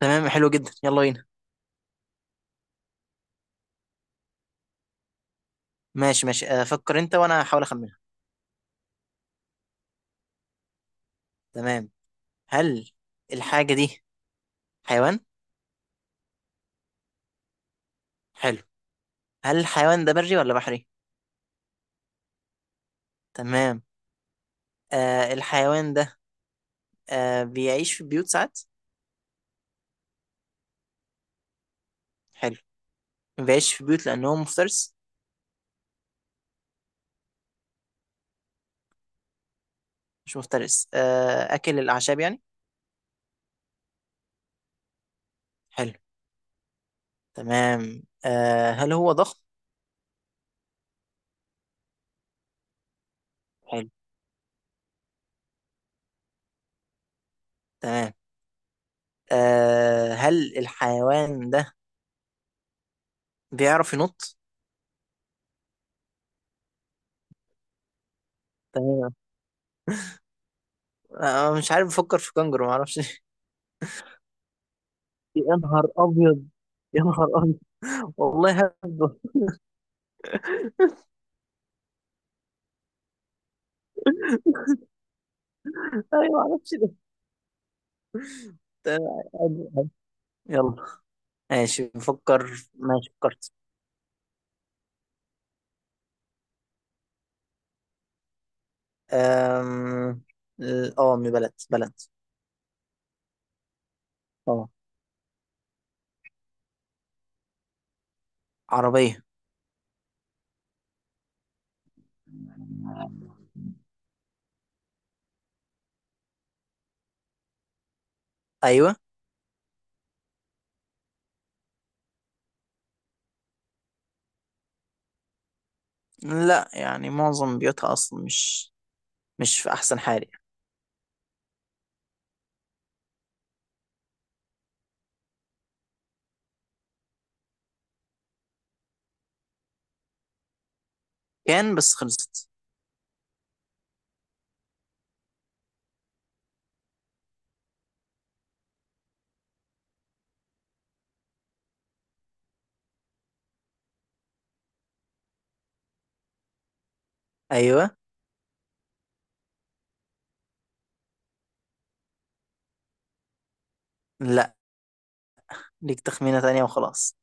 تمام، حلو جدا، يلا بينا. ماشي ماشي، فكر انت وانا هحاول اخمنها. تمام. هل الحاجة دي حيوان؟ حلو. هل الحيوان ده بري ولا بحري؟ تمام. الحيوان ده بيعيش في بيوت ساعات؟ حلو. ما بيعيش في بيوت لأنه هو مفترس. مش مفترس، أكل الأعشاب يعني. حلو. تمام. هل هو ضخم؟ حلو. تمام. هل الحيوان ده بيعرف ينط؟ تمام. مش عارف، بفكر في كنجر، معرفش. يا نهار ابيض، يا نهار ابيض. والله هبه. ايوه، ما اعرفش ده. آه، يلا. ماشي بفكر. ماشي فكرت. أم... اه، من بلد. اه، عربية. ايوه. لا، يعني معظم بيوتها اصلا مش مش في احسن حال يعني. كان بس خلصت. ايوه. لا، ليك تخمينة تانية وخلاص.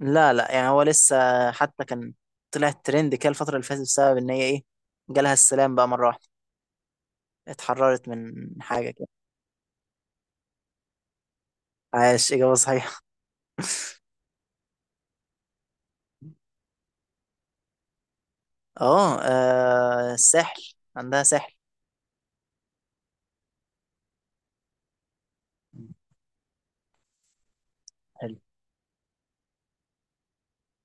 لا لا، يعني هو لسه حتى كان طلع ترند كده الفترة اللي فاتت، بسبب ان هي ايه، جالها السلام بقى مرة واحدة، اتحررت من حاجة كده. عاش، إجابة صحيحة. اه، الساحل، عندها ساحل. حلو.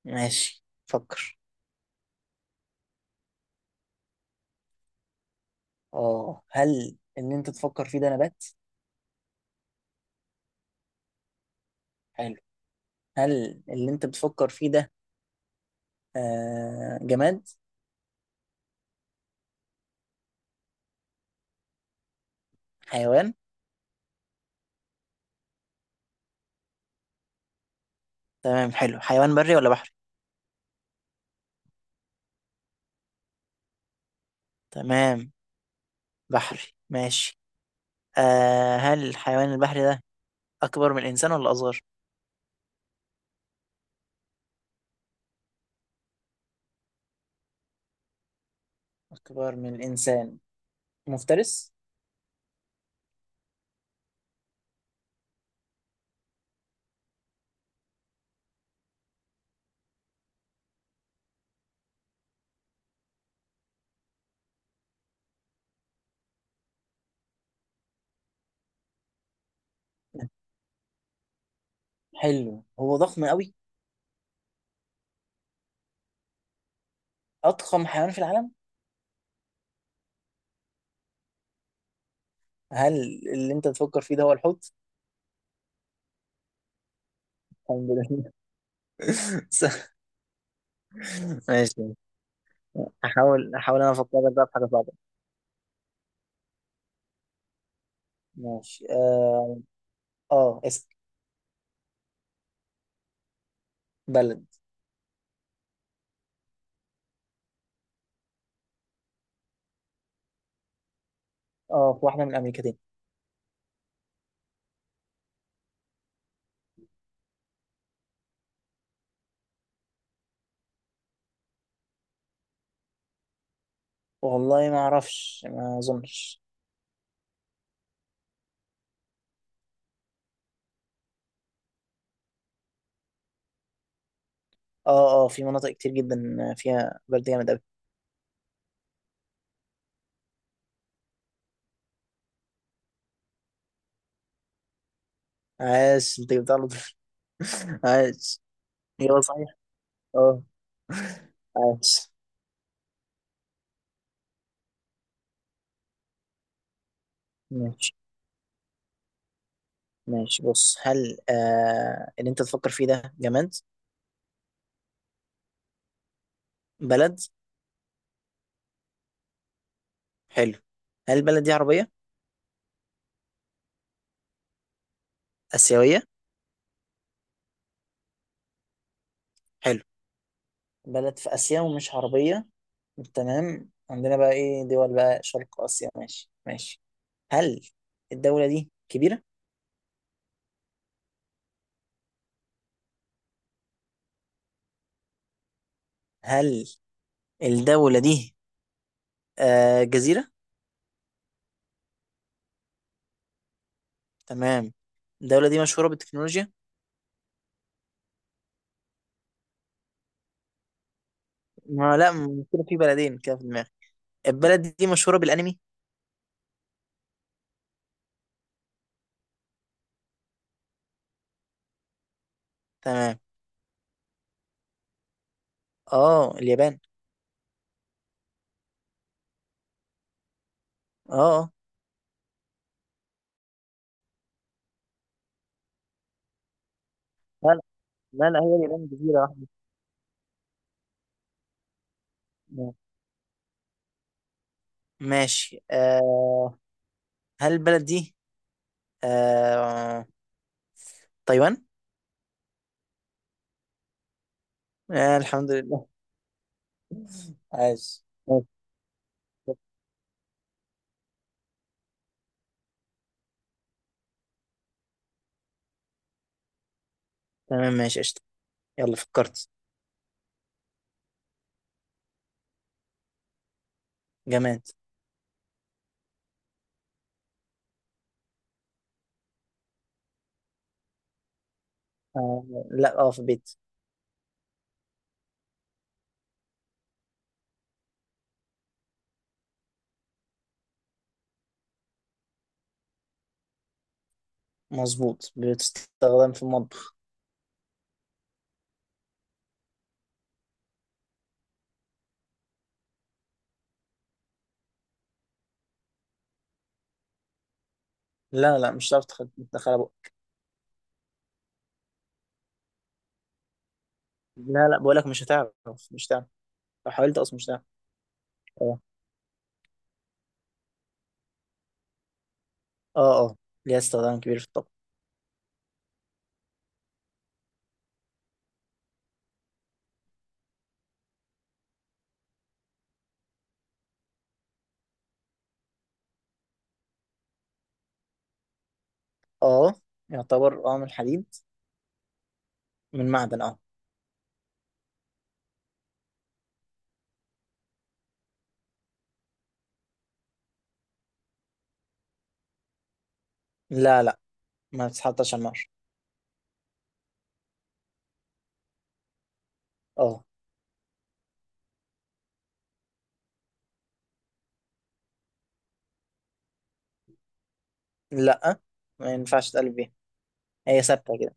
ماشي، فكر. اه، هل اللي انت تفكر فيه ده نبات؟ حلو. هل اللي انت بتفكر فيه ده جماد؟ حيوان. تمام، حلو. حيوان بري ولا بحري؟ تمام، بحري. ماشي. هل الحيوان البحري ده أكبر من الإنسان ولا أصغر؟ اكبر من الانسان. مفترس. حلو. هو ضخم قوي؟ اضخم حيوان في العالم. هل اللي انت تفكر فيه ده هو الحوت؟ الحمد لله. ماشي. احاول انا افكرك بقى في حاجه صعبه. ماشي، اسم بلد. اه، في واحده من الامريكتين. والله ما اعرفش، ما اظنش. اه اه، في مناطق كتير جدا فيها برد جامد قوي. عاش، انت جبتها على طول. عاش. يلا صحيح، اه. عاش. ماشي ماشي، بص، هل اللي انت تفكر فيه ده جماد؟ بلد. حلو. هل البلد دي عربيه؟ اسيويه؟ حلو. بلد في آسيا ومش عربية. تمام، عندنا بقى إيه؟ دول بقى شرق آسيا. ماشي ماشي. هل الدولة دي كبيرة؟ هل الدولة دي جزيرة؟ تمام. الدولة دي مشهورة بالتكنولوجيا؟ ما لا م- كده في بلدين كده في دماغي. البلد دي مشهورة بالأنمي؟ تمام. اه، اليابان. اه اه. لا لا، هي اليابان جزيرة واحدة. ماشي، هل البلد دي آه تايوان؟ آه الحمد لله. عايز. تمام ماشي قشطة. يلا فكرت. جماد. آه لا، اه في بيت. مظبوط، بتستخدم في المطبخ. لا لا، مش هتعرف تدخلها بقى. لا لا، بقولك مش هتعرف، مش هتعرف. لو حاولت اصلا مش هتعرف. اه اه، اه ليها استخدام كبير في الطبخ. اه يعتبر اه من حديد، من معدن اه. لا لا، ما بتتحطش على النار. اه. لا، ما ينفعش تقلب بيها، هي ثابتة كده.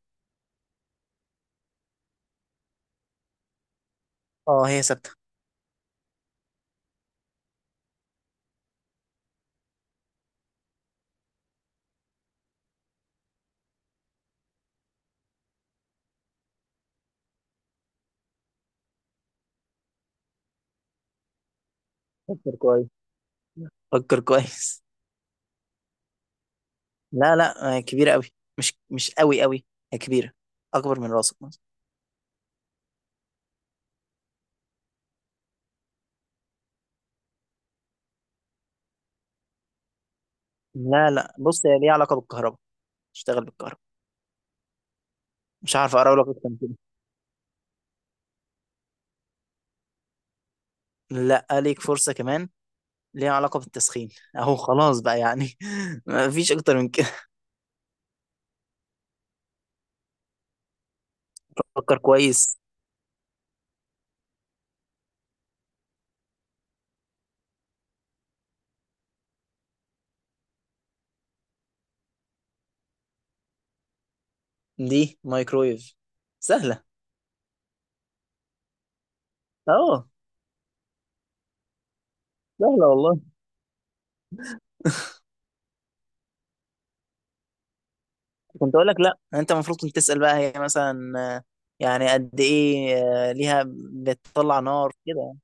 اه هي ثابتة. فكر كويس. فكر كويس. لا، كبيرة قوي. مش مش قوي قوي، هي كبيرة. أكبر من راسك مثلا. لا لا، بص، هي ليها علاقة بالكهرباء، تشتغل بالكهرباء. مش عارف أقرب لك أكتر من كده. لا، ليك فرصة كمان. ليها علاقة بالتسخين. أهو خلاص بقى يعني، مفيش أكتر من كده. فكر كويس. دي مايكرويف، سهلة. أه، سهلة والله. كنت أقول لك لا. أنت المفروض كنت تسأل بقى هي مثلا يعني قد إيه، ليها بتطلع نار كده.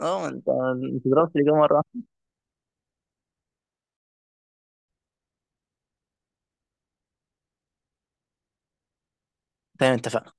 أه أنت، أنت ضربت الإجابة مرة. تمام، اتفقنا.